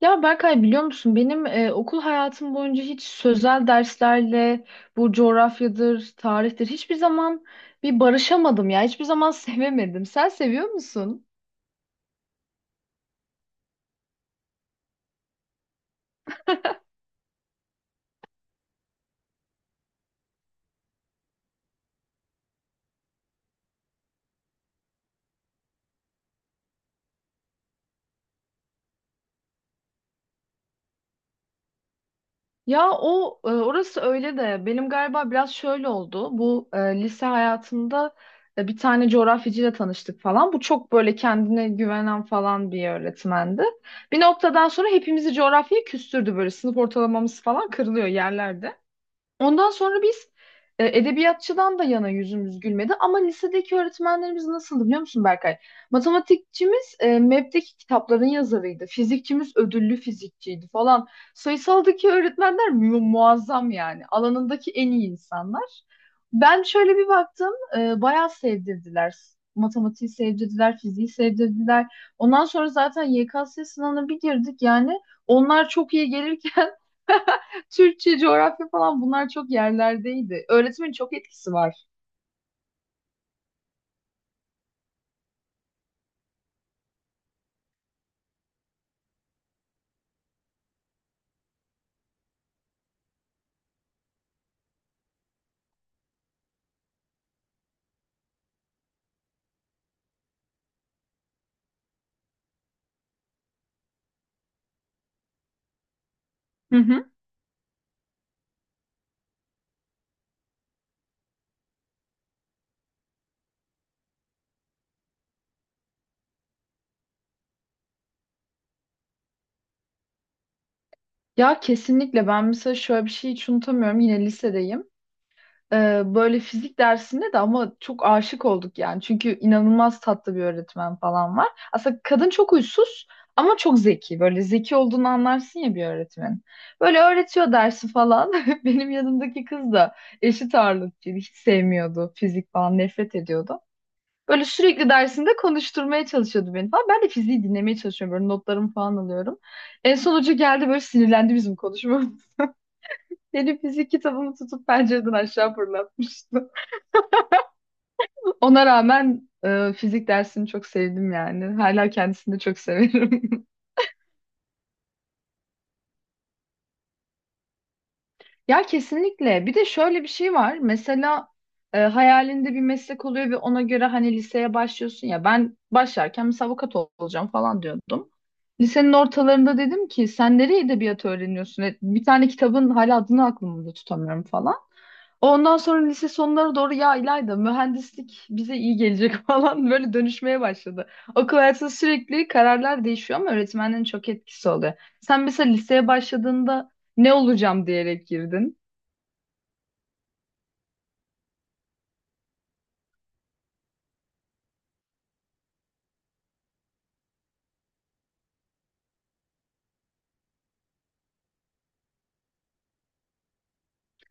Ya Berkay biliyor musun benim okul hayatım boyunca hiç sözel derslerle bu coğrafyadır, tarihtir hiçbir zaman bir barışamadım ya. Hiçbir zaman sevemedim. Sen seviyor musun? Ya o orası öyle de benim galiba biraz şöyle oldu. Bu lise hayatımda bir tane coğrafyacıyla tanıştık falan. Bu çok böyle kendine güvenen falan bir öğretmendi. Bir noktadan sonra hepimizi coğrafyaya küstürdü böyle sınıf ortalamamız falan kırılıyor yerlerde. Ondan sonra biz edebiyatçıdan da yana yüzümüz gülmedi ama lisedeki öğretmenlerimiz nasıldı biliyor musun Berkay? Matematikçimiz MEB'deki kitapların yazarıydı. Fizikçimiz ödüllü fizikçiydi falan. Sayısaldaki öğretmenler muazzam yani. Alanındaki en iyi insanlar. Ben şöyle bir baktım, bayağı sevdirdiler. Matematiği sevdirdiler, fiziği sevdirdiler. Ondan sonra zaten YKS sınavına bir girdik yani. Onlar çok iyi gelirken Türkçe, coğrafya falan bunlar çok yerlerdeydi. Öğretimin çok etkisi var. Hı hı. Ya kesinlikle ben mesela şöyle bir şey hiç unutamıyorum yine lisedeyim. Böyle fizik dersinde de ama çok aşık olduk yani. Çünkü inanılmaz tatlı bir öğretmen falan var. Aslında kadın çok huysuz ama çok zeki. Böyle zeki olduğunu anlarsın ya bir öğretmenin. Böyle öğretiyor dersi falan. Benim yanımdaki kız da eşit ağırlıkçıydı. Hiç sevmiyordu fizik falan nefret ediyordu. Böyle sürekli dersinde konuşturmaya çalışıyordu beni falan. Ben de fiziği dinlemeye çalışıyorum. Böyle notlarımı falan alıyorum. En son hoca geldi böyle sinirlendi bizim konuşmamız. Benim fizik kitabımı tutup pencereden aşağı fırlatmıştı. Ona rağmen fizik dersini çok sevdim yani. Hala kendisini de çok severim. Ya kesinlikle. Bir de şöyle bir şey var. Mesela hayalinde bir meslek oluyor ve ona göre hani liseye başlıyorsun ya. Ben başlarken mesela avukat olacağım falan diyordum. Lisenin ortalarında dedim ki sen nereye edebiyat öğreniyorsun? Bir tane kitabın hala adını aklımda tutamıyorum falan. Ondan sonra lise sonlara doğru ya İlayda mühendislik bize iyi gelecek falan böyle dönüşmeye başladı. Okul hayatında sürekli kararlar değişiyor ama öğretmenlerin çok etkisi oluyor. Sen mesela liseye başladığında ne olacağım diyerek girdin.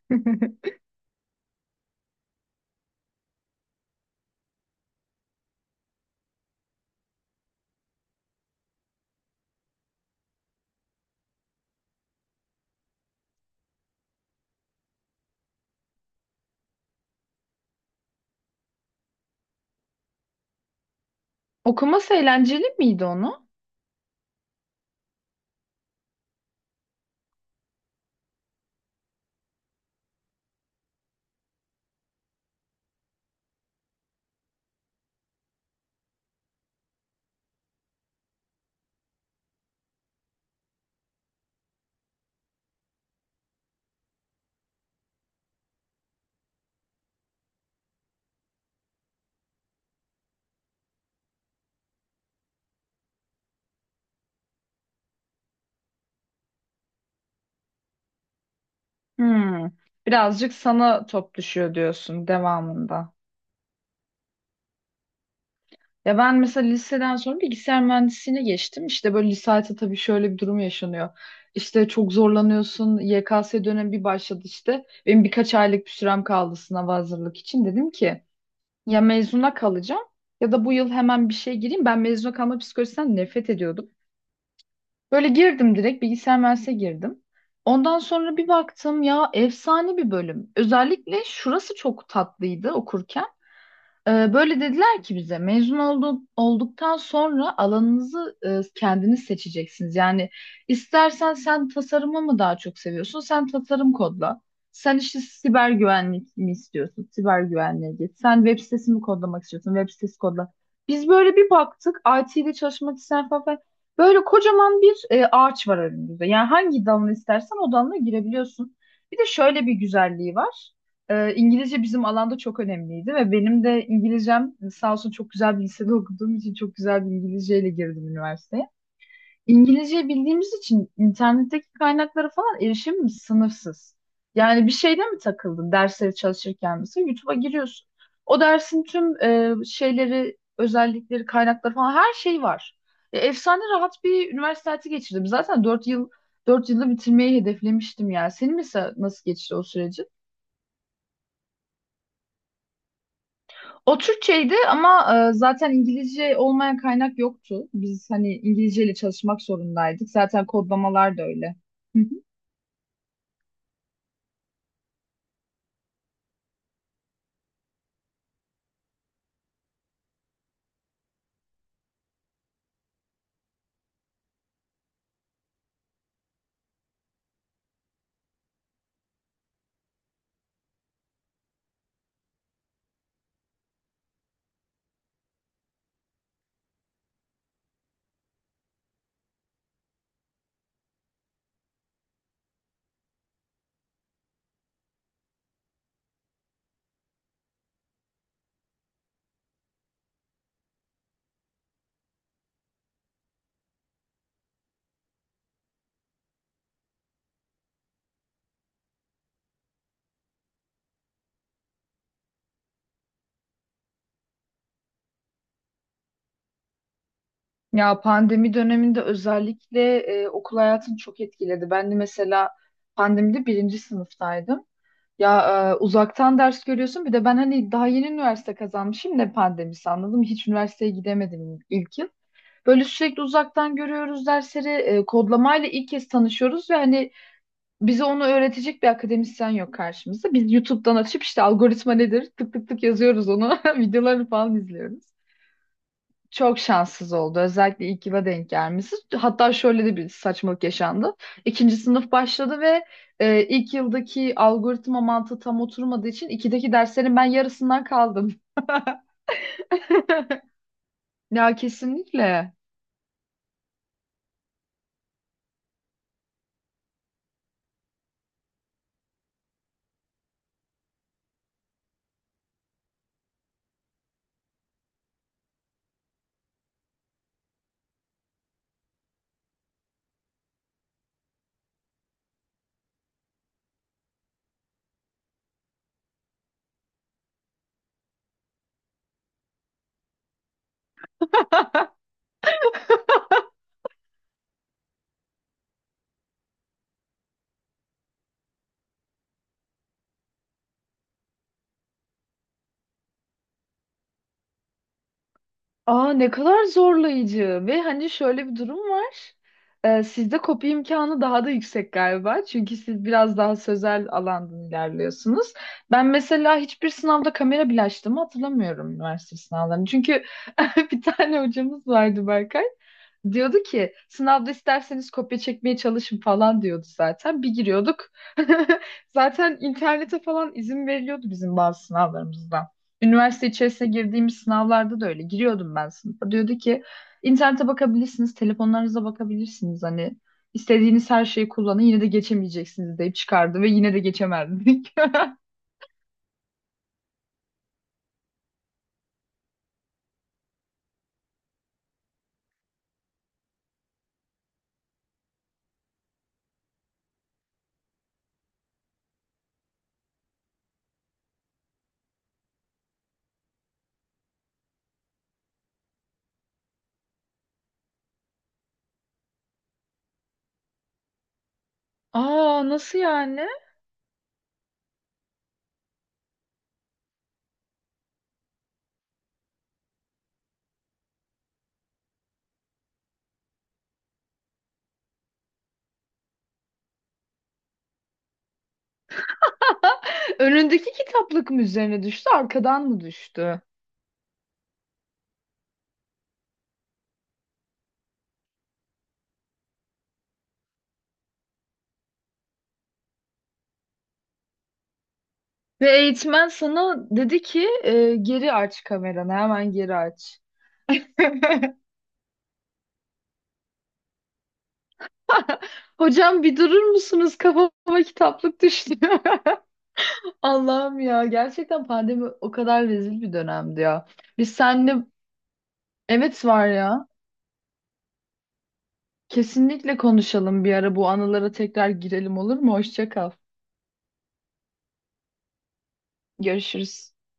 Okuması eğlenceli miydi onu? Hmm. Birazcık sana top düşüyor diyorsun devamında. Ya ben mesela liseden sonra bilgisayar mühendisliğine geçtim. İşte böyle lisede tabii şöyle bir durum yaşanıyor. İşte çok zorlanıyorsun. YKS dönemi bir başladı işte. Benim birkaç aylık bir sürem kaldı sınava hazırlık için. Dedim ki ya mezuna kalacağım ya da bu yıl hemen bir şey gireyim. Ben mezuna kalma psikolojisinden nefret ediyordum. Böyle girdim direkt bilgisayar mühendisliğe girdim. Ondan sonra bir baktım ya efsane bir bölüm. Özellikle şurası çok tatlıydı okurken. Böyle dediler ki bize mezun olduktan sonra alanınızı kendiniz seçeceksiniz. Yani istersen sen tasarımı mı daha çok seviyorsun? Sen tasarım kodla. Sen işte siber güvenlik mi istiyorsun? Siber güvenliğe git. Sen web sitesi mi kodlamak istiyorsun? Web sitesi kodla. Biz böyle bir baktık IT'de çalışmak isteyen falan. Böyle kocaman bir ağaç var önümüzde. Yani hangi dalını istersen o dalına girebiliyorsun. Bir de şöyle bir güzelliği var. İngilizce bizim alanda çok önemliydi ve benim de İngilizcem sağ olsun çok güzel bir lisede okuduğum için çok güzel bir İngilizceyle girdim üniversiteye. İngilizce bildiğimiz için internetteki kaynaklara falan erişimimiz sınırsız. Yani bir şeyde mi takıldın dersleri çalışırken mesela YouTube'a giriyorsun. O dersin tüm şeyleri, özellikleri, kaynakları falan her şey var. Ya, efsane rahat bir üniversite hayatı geçirdim. Zaten 4 yılda bitirmeyi hedeflemiştim yani. Senin mesela nasıl geçti o süreci? O Türkçeydi ama zaten İngilizce olmayan kaynak yoktu. Biz hani İngilizceyle çalışmak zorundaydık. Zaten kodlamalar da öyle. Hı hı. Ya pandemi döneminde özellikle okul hayatını çok etkiledi. Ben de mesela pandemide birinci sınıftaydım. Ya uzaktan ders görüyorsun. Bir de ben hani daha yeni üniversite kazanmışım ne pandemisi anladım. Hiç üniversiteye gidemedim ilk yıl. Böyle sürekli uzaktan görüyoruz dersleri. Kodlamayla ilk kez tanışıyoruz ve hani bize onu öğretecek bir akademisyen yok karşımızda. Biz YouTube'dan açıp işte algoritma nedir tık tık tık yazıyoruz onu. Videoları falan izliyoruz. Çok şanssız oldu. Özellikle ilk yıla denk gelmesi. Hatta şöyle de bir saçmalık yaşandı. İkinci sınıf başladı ve ilk yıldaki algoritma mantığı tam oturmadığı için ikideki derslerin ben yarısından kaldım. Ya kesinlikle. Aa ne kadar zorlayıcı ve hani şöyle bir durum var. Sizde kopya imkanı daha da yüksek galiba. Çünkü siz biraz daha sözel alandan ilerliyorsunuz. Ben mesela hiçbir sınavda kamera bile açtığımı hatırlamıyorum üniversite sınavlarını. Çünkü bir tane hocamız vardı Berkay. Diyordu ki sınavda isterseniz kopya çekmeye çalışın falan diyordu zaten. Bir giriyorduk. Zaten internete falan izin veriliyordu bizim bazı sınavlarımızda. Üniversite içerisine girdiğimiz sınavlarda da öyle. Giriyordum ben sınıfa. Diyordu ki internete bakabilirsiniz, telefonlarınıza bakabilirsiniz. Hani istediğiniz her şeyi kullanın yine de geçemeyeceksiniz deyip çıkardı ve yine de geçemezdik. Aa nasıl yani? Önündeki kitaplık mı üzerine düştü, arkadan mı düştü? Ve eğitmen sana dedi ki geri aç kameranı, hemen geri aç. Hocam bir durur musunuz? Kafama kitaplık düştü. Allah'ım ya gerçekten pandemi o kadar rezil bir dönemdi ya. Biz seninle evet var ya. Kesinlikle konuşalım bir ara bu anılara tekrar girelim olur mu? Hoşça kal. Görüşürüz.